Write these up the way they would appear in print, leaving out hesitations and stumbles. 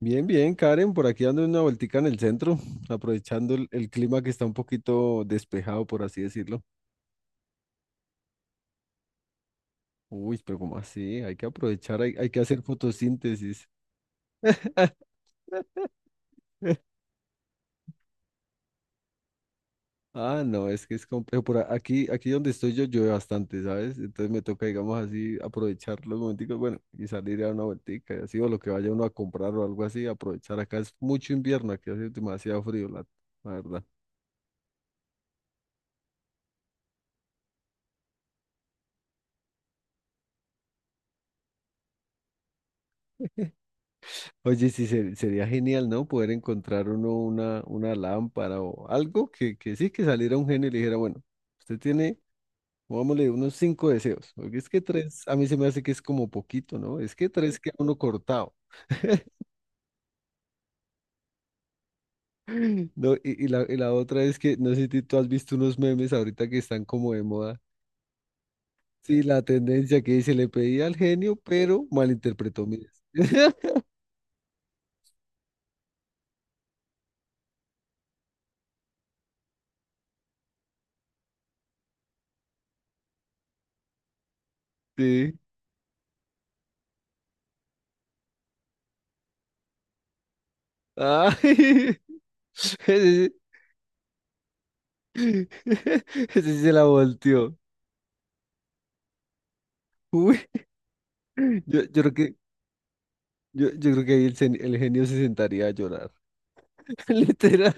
Bien, bien, Karen, por aquí dando una vueltica en el centro, aprovechando el clima que está un poquito despejado, por así decirlo. Uy, ¿pero como así? Hay que aprovechar, hay que hacer fotosíntesis. Ah, no, es que es complejo. Por aquí donde estoy yo llueve bastante, ¿sabes? Entonces me toca, digamos así, aprovechar los momenticos, bueno, y salir a dar una vueltica, y así, o lo que vaya uno a comprar o algo así, aprovechar. Acá es mucho invierno, aquí hace demasiado frío, la verdad. Oye, sí, sería genial, ¿no? Poder encontrar uno una lámpara o algo que sí, que saliera un genio y le dijera, bueno, usted tiene, pongámosle, unos cinco deseos. Porque es que tres, a mí se me hace que es como poquito, ¿no? Es que tres queda uno cortado. No, y la otra es que, no sé si tú has visto unos memes ahorita que están como de moda. Sí, la tendencia que dice, le pedí al genio, pero malinterpretó mi deseo". Sí. Ay, ese sí ese sí se la volteó. Uy, yo, yo creo que, yo creo que ahí el genio se sentaría a llorar. Literal.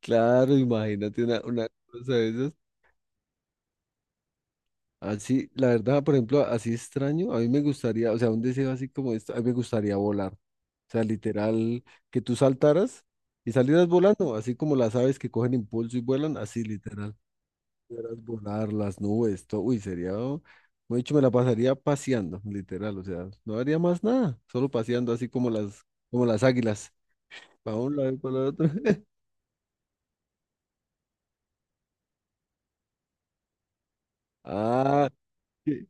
Claro, imagínate una cosa de esas. Así, la verdad, por ejemplo, así extraño, a mí me gustaría, o sea, un deseo así como esto, a mí me gustaría volar. O sea, literal, que tú saltaras y salieras volando, así como las aves que cogen impulso y vuelan, así literal. Pudieras volar, las nubes, todo, uy, sería, oh, como he dicho, me la pasaría paseando, literal, o sea, no haría más nada, solo paseando así como como las águilas. Para un lado y para el otro. Ah, que,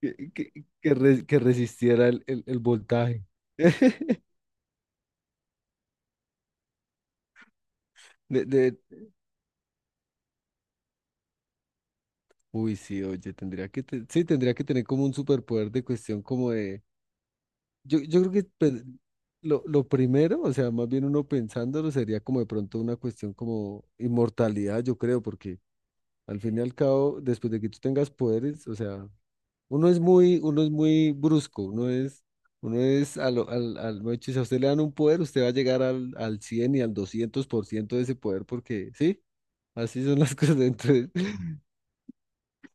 que, que, que resistiera el voltaje. De, de- uy, sí, oye, tendría que sí, tendría que tener como un superpoder de cuestión como de, yo creo que lo primero, o sea, más bien uno pensándolo sería como de pronto una cuestión como inmortalidad, yo creo, porque al fin y al cabo, después de que tú tengas poderes, o sea, uno es muy, uno es muy brusco, uno es, al al, al, mejor dicho, si a usted le dan un poder, usted va a llegar al, al 100 y al 200% de ese poder, porque, sí, así son las cosas. Entonces,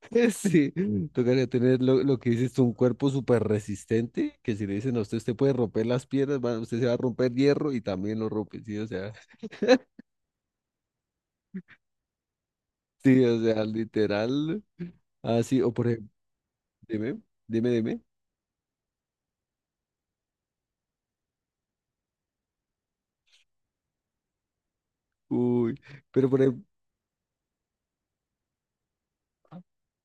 sí, tocaría tener lo que dices, tú, un cuerpo súper resistente, que si le dicen a usted, usted puede romper las piedras, va- usted se va a romper hierro y también lo rompe, sí, o sea, sí, o sea, literal, así, o por ejemplo, dime, dime, uy. Pero por ejemplo,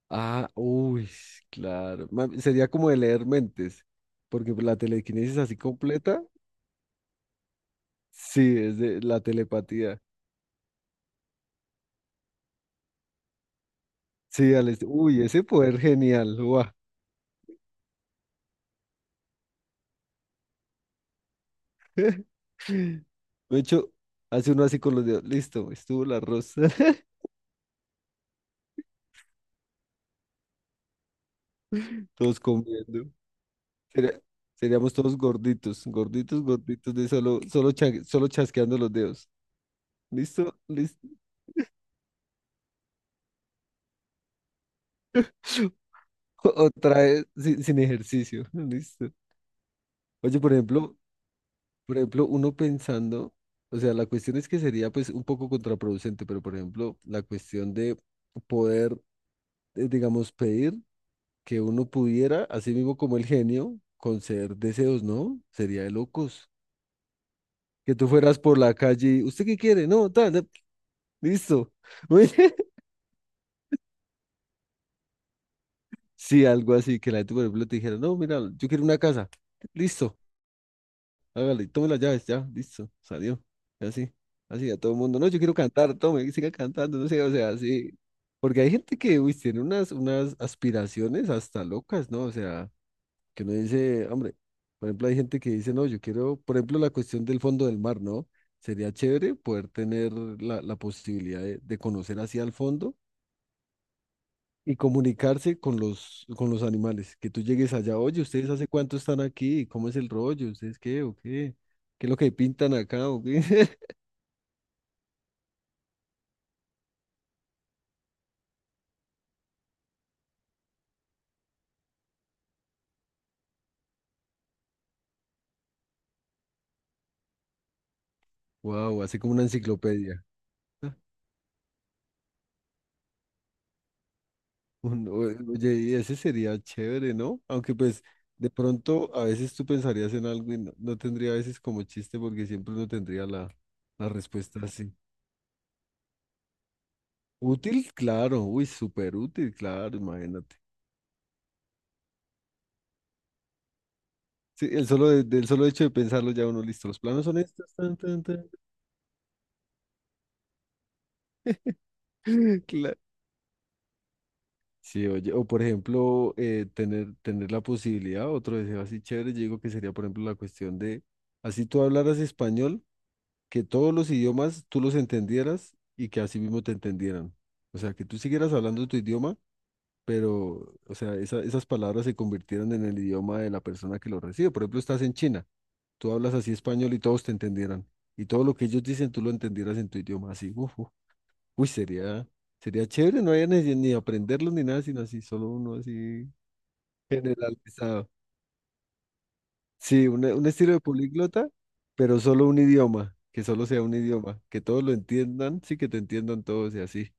ah, uy, claro. Sería como de leer mentes, porque la telequinesis así completa, sí, es de la telepatía. Sí, Alex, uy, ese poder genial, guau. De hecho, hace uno así con los dedos, listo, estuvo la rosa, todos comiendo. Sería- seríamos todos gorditos, gorditos, gorditos, de solo chasqueando los dedos. ¿Listo? ¿Listo? Otra vez sin ejercicio, ¿listo? Oye, por ejemplo, por ejemplo, uno pensando, o sea, la cuestión es que sería pues un poco contraproducente, pero por ejemplo, la cuestión de poder, digamos, pedir que uno pudiera, así mismo como el genio, conceder deseos, ¿no? Sería de locos. Que tú fueras por la calle, y, ¿usted qué quiere? No, tal, tal, listo. Muy bien. Sí, algo así, que la gente, por ejemplo, te dijera, no, mira, yo quiero una casa, listo. Hágale, tome las llaves, ya, listo, salió. Y así, así a todo el mundo, no, yo quiero cantar, tome, y siga cantando, no sé, o sea, así. Porque hay gente que, uy, tiene unas aspiraciones hasta locas, ¿no? O sea, que uno dice, hombre, por ejemplo, hay gente que dice, no, yo quiero, por ejemplo, la cuestión del fondo del mar, ¿no? Sería chévere poder tener la posibilidad de conocer así al fondo y comunicarse con con los animales. Que tú llegues allá, oye, ¿ustedes hace cuánto están aquí? ¿Cómo es el rollo? ¿Ustedes qué o qué? ¿Qué es lo que pintan acá o qué? Wow, así como una enciclopedia. Ah, oye, y ese sería chévere, ¿no? Aunque pues de pronto a veces tú pensarías en algo y no, no tendría a veces como chiste porque siempre no tendría la respuesta así. Útil, claro, uy, súper útil, claro, imagínate. Sí, el solo, del solo hecho de pensarlo ya uno listo. Los planos son estos. Cla- Sí, oye, o por ejemplo, tener la posibilidad, otro deseo así chévere, yo digo que sería, por ejemplo, la cuestión de, así tú hablaras español, que todos los idiomas tú los entendieras y que así mismo te entendieran. O sea, que tú siguieras hablando tu idioma, pero, o sea, esas palabras se convirtieran en el idioma de la persona que lo recibe. Por ejemplo, estás en China, tú hablas así español y todos te entendieran. Y todo lo que ellos dicen, tú lo entendieras en tu idioma, así, uf, uy, sería, sería chévere, no había ni aprenderlo ni nada, sino así, solo uno así generalizado. Sí, un estilo de políglota, pero solo un idioma, que solo sea un idioma, que todos lo entiendan, sí, que te entiendan todos y así.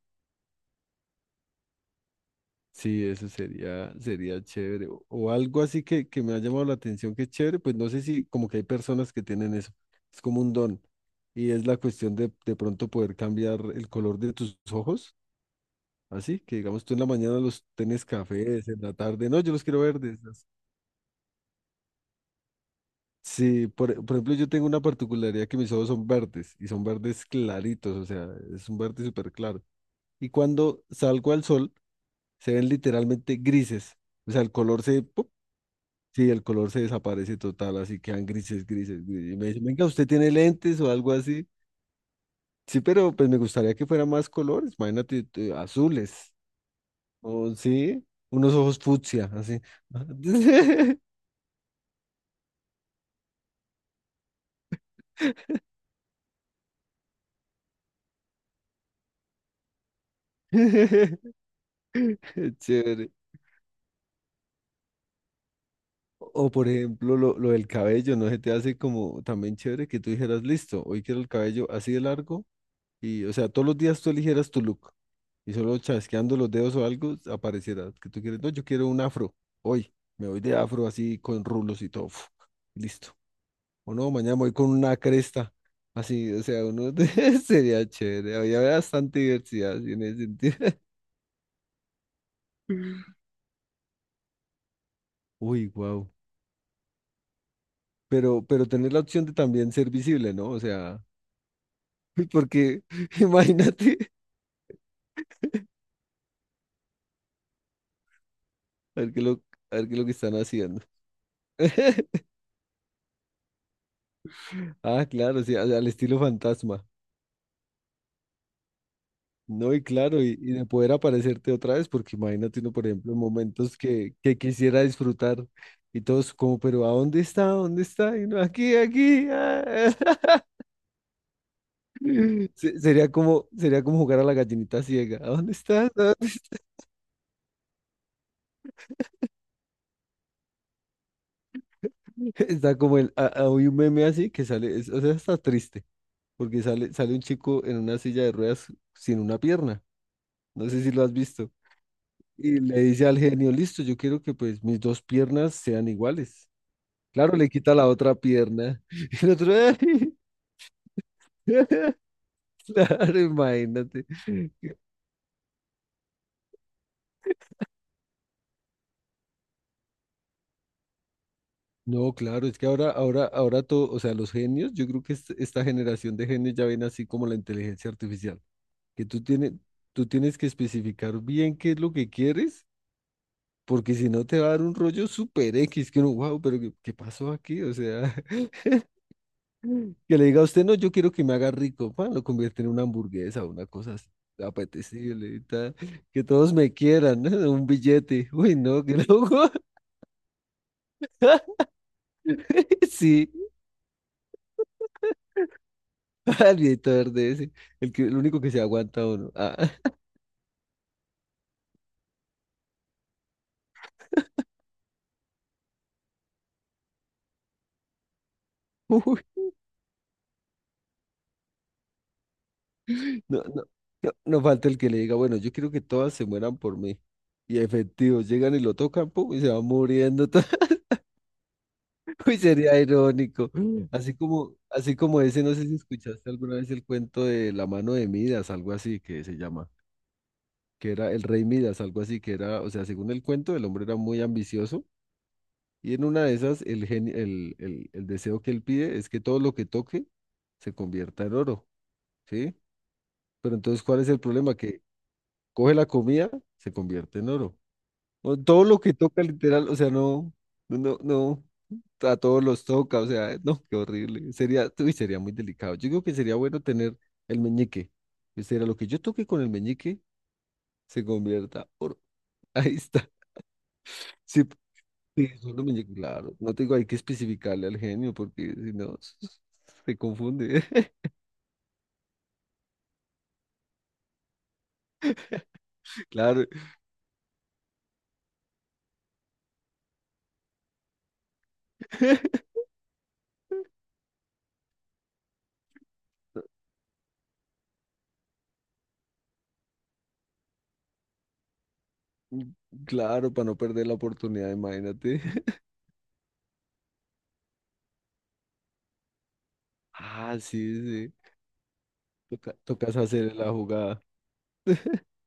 Sí, eso sería, sería chévere. O algo así que me ha llamado la atención que es chévere, pues no sé si como que hay personas que tienen eso, es como un don. Y es la cuestión de pronto poder cambiar el color de tus ojos. Así que digamos, tú en la mañana los tenés cafés, en la tarde, no, yo los quiero verdes. Las- sí, por ejemplo, yo tengo una particularidad que mis ojos son verdes y son verdes claritos, o sea, es un verde súper claro. Y cuando salgo al sol, se ven literalmente grises, o sea, el color se, ¡pum! Sí, el color se desaparece total, así quedan grises, grises, grises. Y me dicen, venga, ¿usted tiene lentes o algo así? Sí, pero pues me gustaría que fueran más colores, imagínate, azules, o sí, unos ojos fucsia, así. Chévere. O por ejemplo, lo del cabello, ¿no se te hace como también chévere que tú dijeras, listo, hoy quiero el cabello así de largo y, o sea, todos los días tú eligieras tu look y solo chasqueando los dedos o algo apareciera que tú quieres, no, yo quiero un afro, hoy me voy de afro así con rulos y todo, uf, listo. O no, mañana me voy con una cresta, así, o sea, uno sería chévere, había bastante diversidad así en ese sentido. Uy, wow. Pero tener la opción de también ser visible, ¿no? O sea... Porque imagínate, a ver qué lo, a ver qué es lo que están haciendo. Ah, claro, sí, al al estilo fantasma. No, y claro, y de poder aparecerte otra vez, porque imagínate uno, por ejemplo, en momentos que quisiera disfrutar y todos como, pero ¿a dónde está? ¿Dónde está? Y uno, aquí, aquí. Ah". Sería como, sería como jugar a la gallinita ciega. ¿A dónde está? ¿A dónde está? Está como el, hay un meme así que sale, o sea, está triste, porque sale, sale un chico en una silla de ruedas sin una pierna. No sé si lo has visto. Y le dice al genio, listo, yo quiero que pues mis dos piernas sean iguales. Claro, le quita la otra pierna. Y el otro, "Ay". Claro, imagínate. No, claro, es que ahora todo, o sea, los genios, yo creo que esta generación de genios ya ven así como la inteligencia artificial, que tú tienes que especificar bien qué es lo que quieres, porque si no te va a dar un rollo super X, que uno, wow, pero ¿qué pasó aquí? O sea, que le diga a usted, no, yo quiero que me haga rico, pa lo convierte en una hamburguesa, una cosa así, apetecible y tal, que todos me quieran, ¿no? Un billete, uy, no, que loco, sí, al viejito verde ese, el que, el único que se aguanta uno, ah, uy, no, no, no, no falta el que le diga, bueno, yo quiero que todas se mueran por mí, y efectivo, llegan y lo tocan, pum, y se va muriendo. Uy, sería irónico. Así como ese, no sé si escuchaste alguna vez el cuento de la mano de Midas, algo así que se llama, que era el rey Midas, algo así que era, o sea, según el cuento, el hombre era muy ambicioso y en una de esas el genio, el deseo que él pide es que todo lo que toque se convierta en oro, ¿sí? Pero entonces, ¿cuál es el problema? Que coge la comida, se convierte en oro. O todo lo que toca, literal, o sea, no, no, no, a todos los toca, o sea, no, qué horrible. Sería, uy, sería muy delicado. Yo creo que sería bueno tener el meñique. O sea, lo que yo toque con el meñique se convierta oro. Ahí está. Sí, sí, solo meñique, claro. No tengo, hay que especificarle al genio porque si no, se confunde. Claro, claro, para no perder la oportunidad, imagínate. Ah, sí, sí. Toca, tocas hacer la jugada.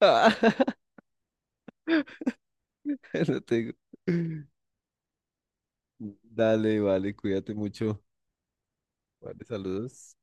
Ah, No tengo. Dale, vale, cuídate mucho. Vale, saludos.